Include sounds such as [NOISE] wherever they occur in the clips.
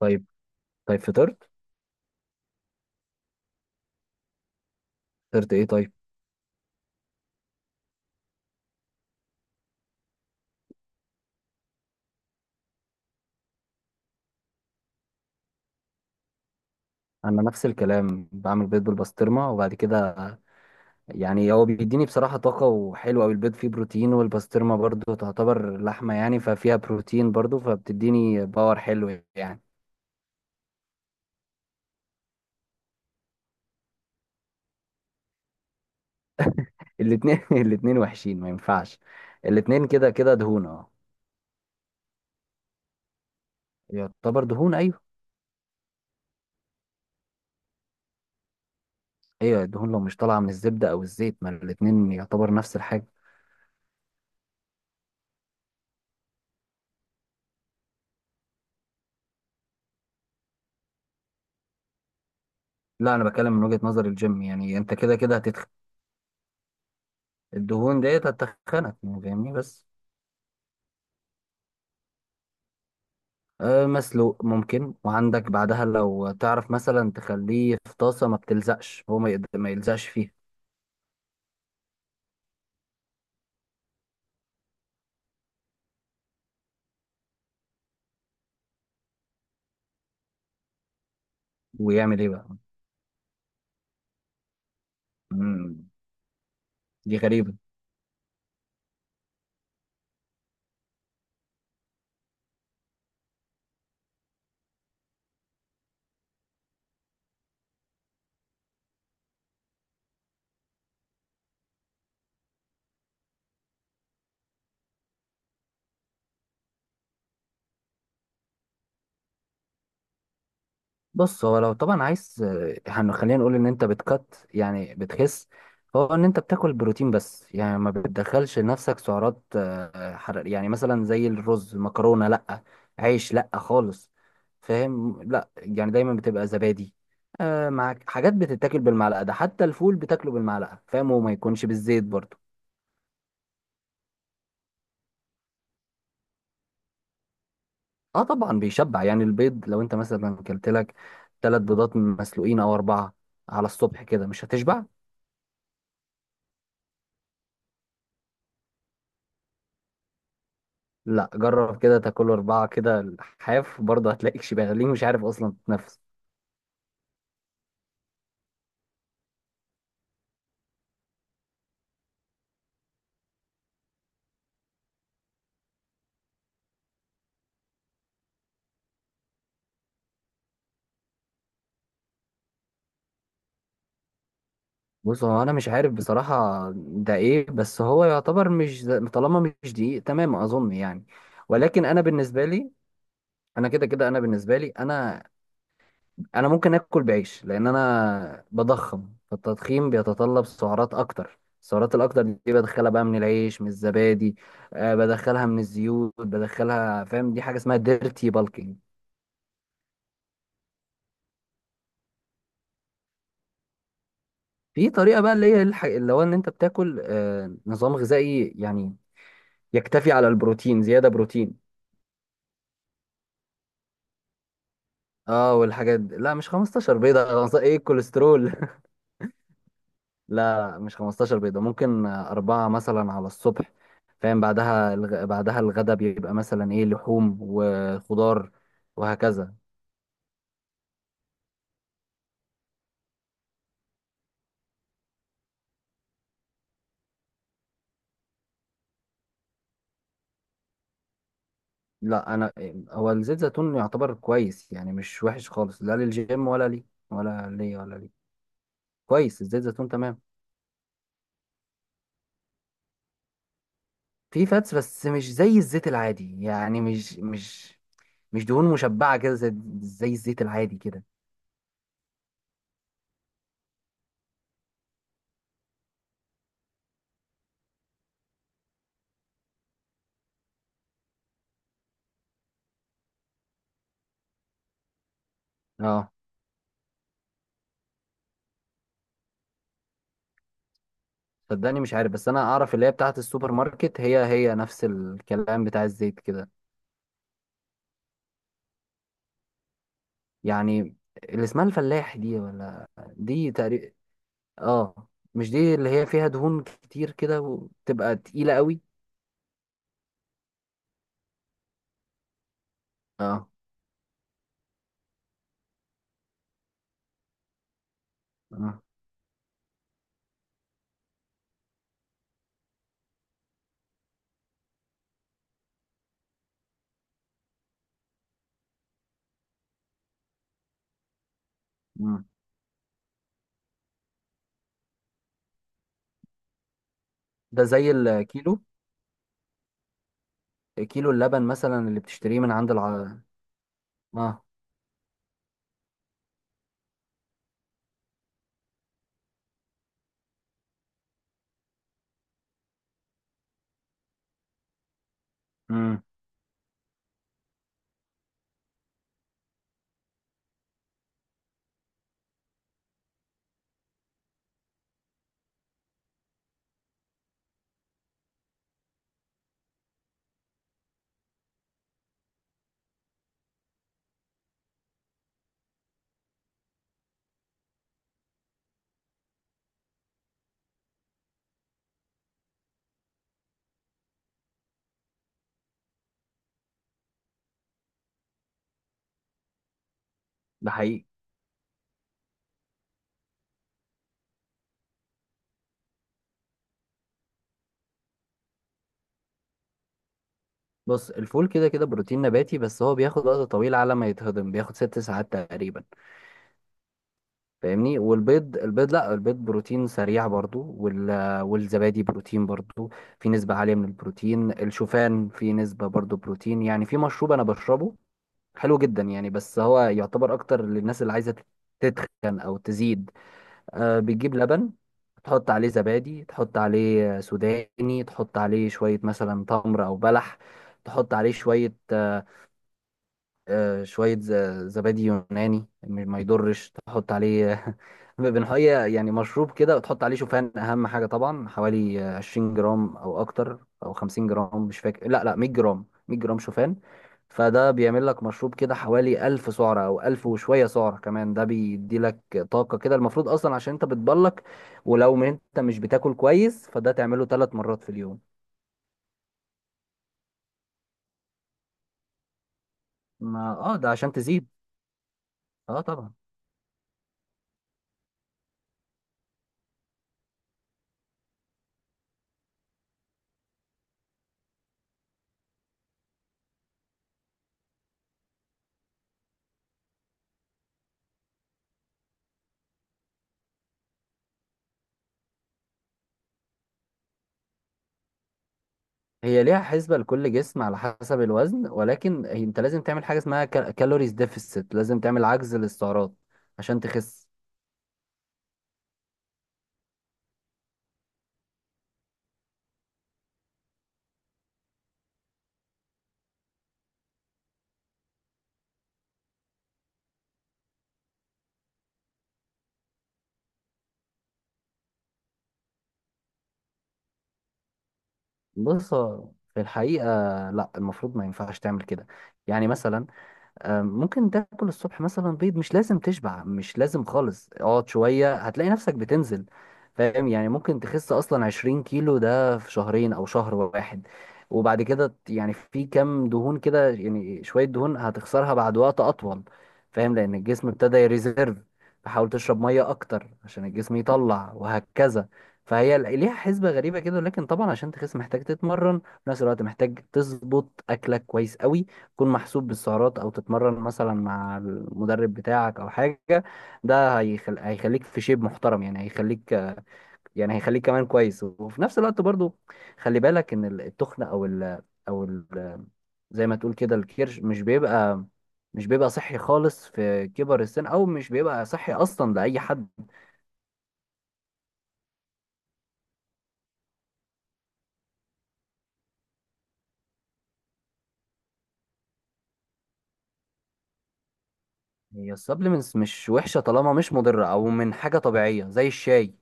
طيب طيب. فطرت ايه؟ طيب، انا نفس الكلام بعمل بيض بالبسطرمه، وبعد كده يعني هو بيديني بصراحه طاقه، وحلو قوي. البيض فيه بروتين، والبسطرمه برضو تعتبر لحمه، يعني ففيها بروتين برضو، فبتديني باور حلو يعني. الاتنين [LAUGHS] الاتنين وحشين، ما ينفعش. الاتنين كده كده دهون، اه. يعتبر دهون، ايوه. ايوه، الدهون لو مش طالعه من الزبده او الزيت، ما الاتنين يعتبر نفس الحاجه. لا انا بتكلم من وجهه نظر الجيم، يعني انت كده كده هتتخن. الدهون ديت هتتخنك يعني، فاهمني؟ بس مسلوق ممكن، وعندك بعدها لو تعرف مثلا تخليه في طاسة ما بتلزقش، هو ما يلزقش فيها. ويعمل ايه بقى؟ مم. دي غريبة. بص هو لو طبعا عايز، خلينا نقول ان انت بتكت، يعني بتخس. هو ان انت بتاكل بروتين بس، يعني ما بتدخلش لنفسك سعرات حرارية، يعني مثلا زي الرز مكرونة لا، عيش لا خالص. فاهم؟ لا يعني دايما بتبقى زبادي، مع حاجات بتتاكل بالمعلقة. ده حتى الفول بتاكله بالمعلقة، فاهم؟ وما يكونش بالزيت برضه. اه طبعا بيشبع، يعني البيض لو انت مثلا كلت لك 3 بيضات مسلوقين او اربعة على الصبح كده، مش هتشبع. لا جرب كده تاكل أربعة كده الحاف، برضه هتلاقيك شبعان، ليه مش عارف أصلا تتنفس. بص هو أنا مش عارف بصراحة ده إيه، بس هو يعتبر مش طالما مش دقيق تمام أظن يعني. ولكن أنا بالنسبة لي، أنا أنا ممكن آكل بعيش، لأن أنا بضخم، فالتضخيم بيتطلب سعرات أكتر. السعرات الأكتر دي بدخلها بقى من العيش، من الزبادي، أه بدخلها من الزيوت بدخلها، فاهم؟ دي حاجة اسمها ديرتي بالكينج. في طريقة بقى اللي هو ان انت بتاكل آه نظام غذائي يعني يكتفي على البروتين، زيادة بروتين. اه والحاجات دي. لا مش 15 بيضة [LAUGHS] 15 ايه؟ الكوليسترول [LAUGHS] لا مش 15 بيضة، ممكن أربعة مثلا على الصبح. فاهم؟ بعدها بعدها الغدا بيبقى مثلا ايه، لحوم وخضار، وهكذا. لا، هو الزيت زيتون يعتبر كويس، يعني مش وحش خالص، لا للجيم ولا لي، ولا لي ولا لي كويس الزيت زيتون، تمام. في فاتس بس مش زي الزيت العادي، يعني مش مش دهون مشبعة كده زي الزيت العادي كده. اه صدقني مش عارف، بس انا اعرف اللي هي بتاعت السوبر ماركت، هي نفس الكلام بتاع الزيت كده. يعني اللي اسمها الفلاح دي ولا؟ دي تقريبا اه. مش دي اللي هي فيها دهون كتير كده وتبقى تقيلة قوي؟ اه. اه. مم. ده زي الكيلو، كيلو اللبن مثلا اللي بتشتريه من عند الع. اه. امم. ده حقيقي. بص الفول كده كده بروتين نباتي، بس هو بياخد وقت طويل على ما يتهضم، بياخد 6 ساعات تقريبا. فاهمني؟ والبيض لا، البيض بروتين سريع برضو، والزبادي بروتين برضو. في نسبة عالية من البروتين، الشوفان في نسبة برضو بروتين. يعني في مشروب انا بشربه حلو جدا يعني، بس هو يعتبر اكتر للناس اللي عايزة تتخن او تزيد. آه بتجيب لبن، تحط عليه زبادي، تحط عليه سوداني، تحط عليه شوية مثلا تمر او بلح، تحط عليه شوية شوية زبادي يوناني، ما يضرش تحط عليه [LAUGHS] بنحية، يعني مشروب كده. وتحط عليه شوفان أهم حاجة طبعا، حوالي 20 جرام أو أكتر، أو 50 جرام، مش فاكر، لا لا 100 جرام، 100 جرام شوفان. فده بيعمل لك مشروب كده حوالي 1000 سعرة أو 1000 وشوية سعرة كمان، ده بيدي لك طاقة كده، المفروض أصلا عشان أنت بتبلك. ولو ما أنت مش بتاكل كويس، فده تعمله 3 مرات في اليوم. ما اه ده عشان تزيد، اه طبعا. هي ليها حسبة لكل جسم على حسب الوزن، ولكن انت لازم تعمل حاجة اسمها كالوريز ديفيسيت، لازم تعمل عجز للسعرات عشان تخس. بص هو في الحقيقة، لا المفروض ما ينفعش تعمل كده. يعني مثلا ممكن تاكل الصبح مثلا بيض، مش لازم تشبع، مش لازم خالص. اقعد شوية هتلاقي نفسك بتنزل، فاهم؟ يعني ممكن تخس اصلا 20 كيلو ده في شهرين او شهر واحد، وبعد كده يعني في كام دهون كده، يعني شوية دهون هتخسرها بعد وقت اطول، فاهم؟ لان الجسم ابتدى يريزيرف. فحاول تشرب مية اكتر عشان الجسم يطلع، وهكذا. فهي ليها حسبة غريبة كده، لكن طبعا عشان تخس محتاج تتمرن. في نفس الوقت محتاج تظبط اكلك كويس قوي، تكون محسوب بالسعرات، او تتمرن مثلا مع المدرب بتاعك او حاجه. ده هيخليك في شيب محترم، يعني هيخليك، يعني هيخليك كمان كويس، وفي نفس الوقت برضو خلي بالك ان التخن او ال... زي ما تقول كده الكرش، مش بيبقى، مش بيبقى صحي خالص في كبر السن، او مش بيبقى صحي اصلا لاي حد. هي السبلمنتس مش وحشه طالما مش مضره، او من حاجه طبيعيه زي الشاي.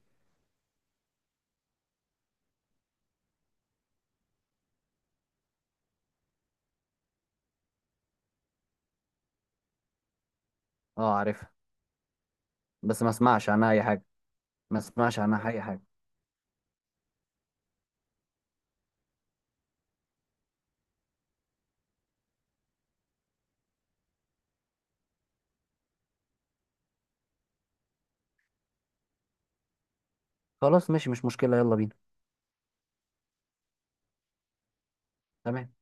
اه عارفها، بس ما اسمعش عنها اي حاجه، ما اسمعش عنها اي حاجه. خلاص ماشي مش مشكلة، يلا بينا. تمام.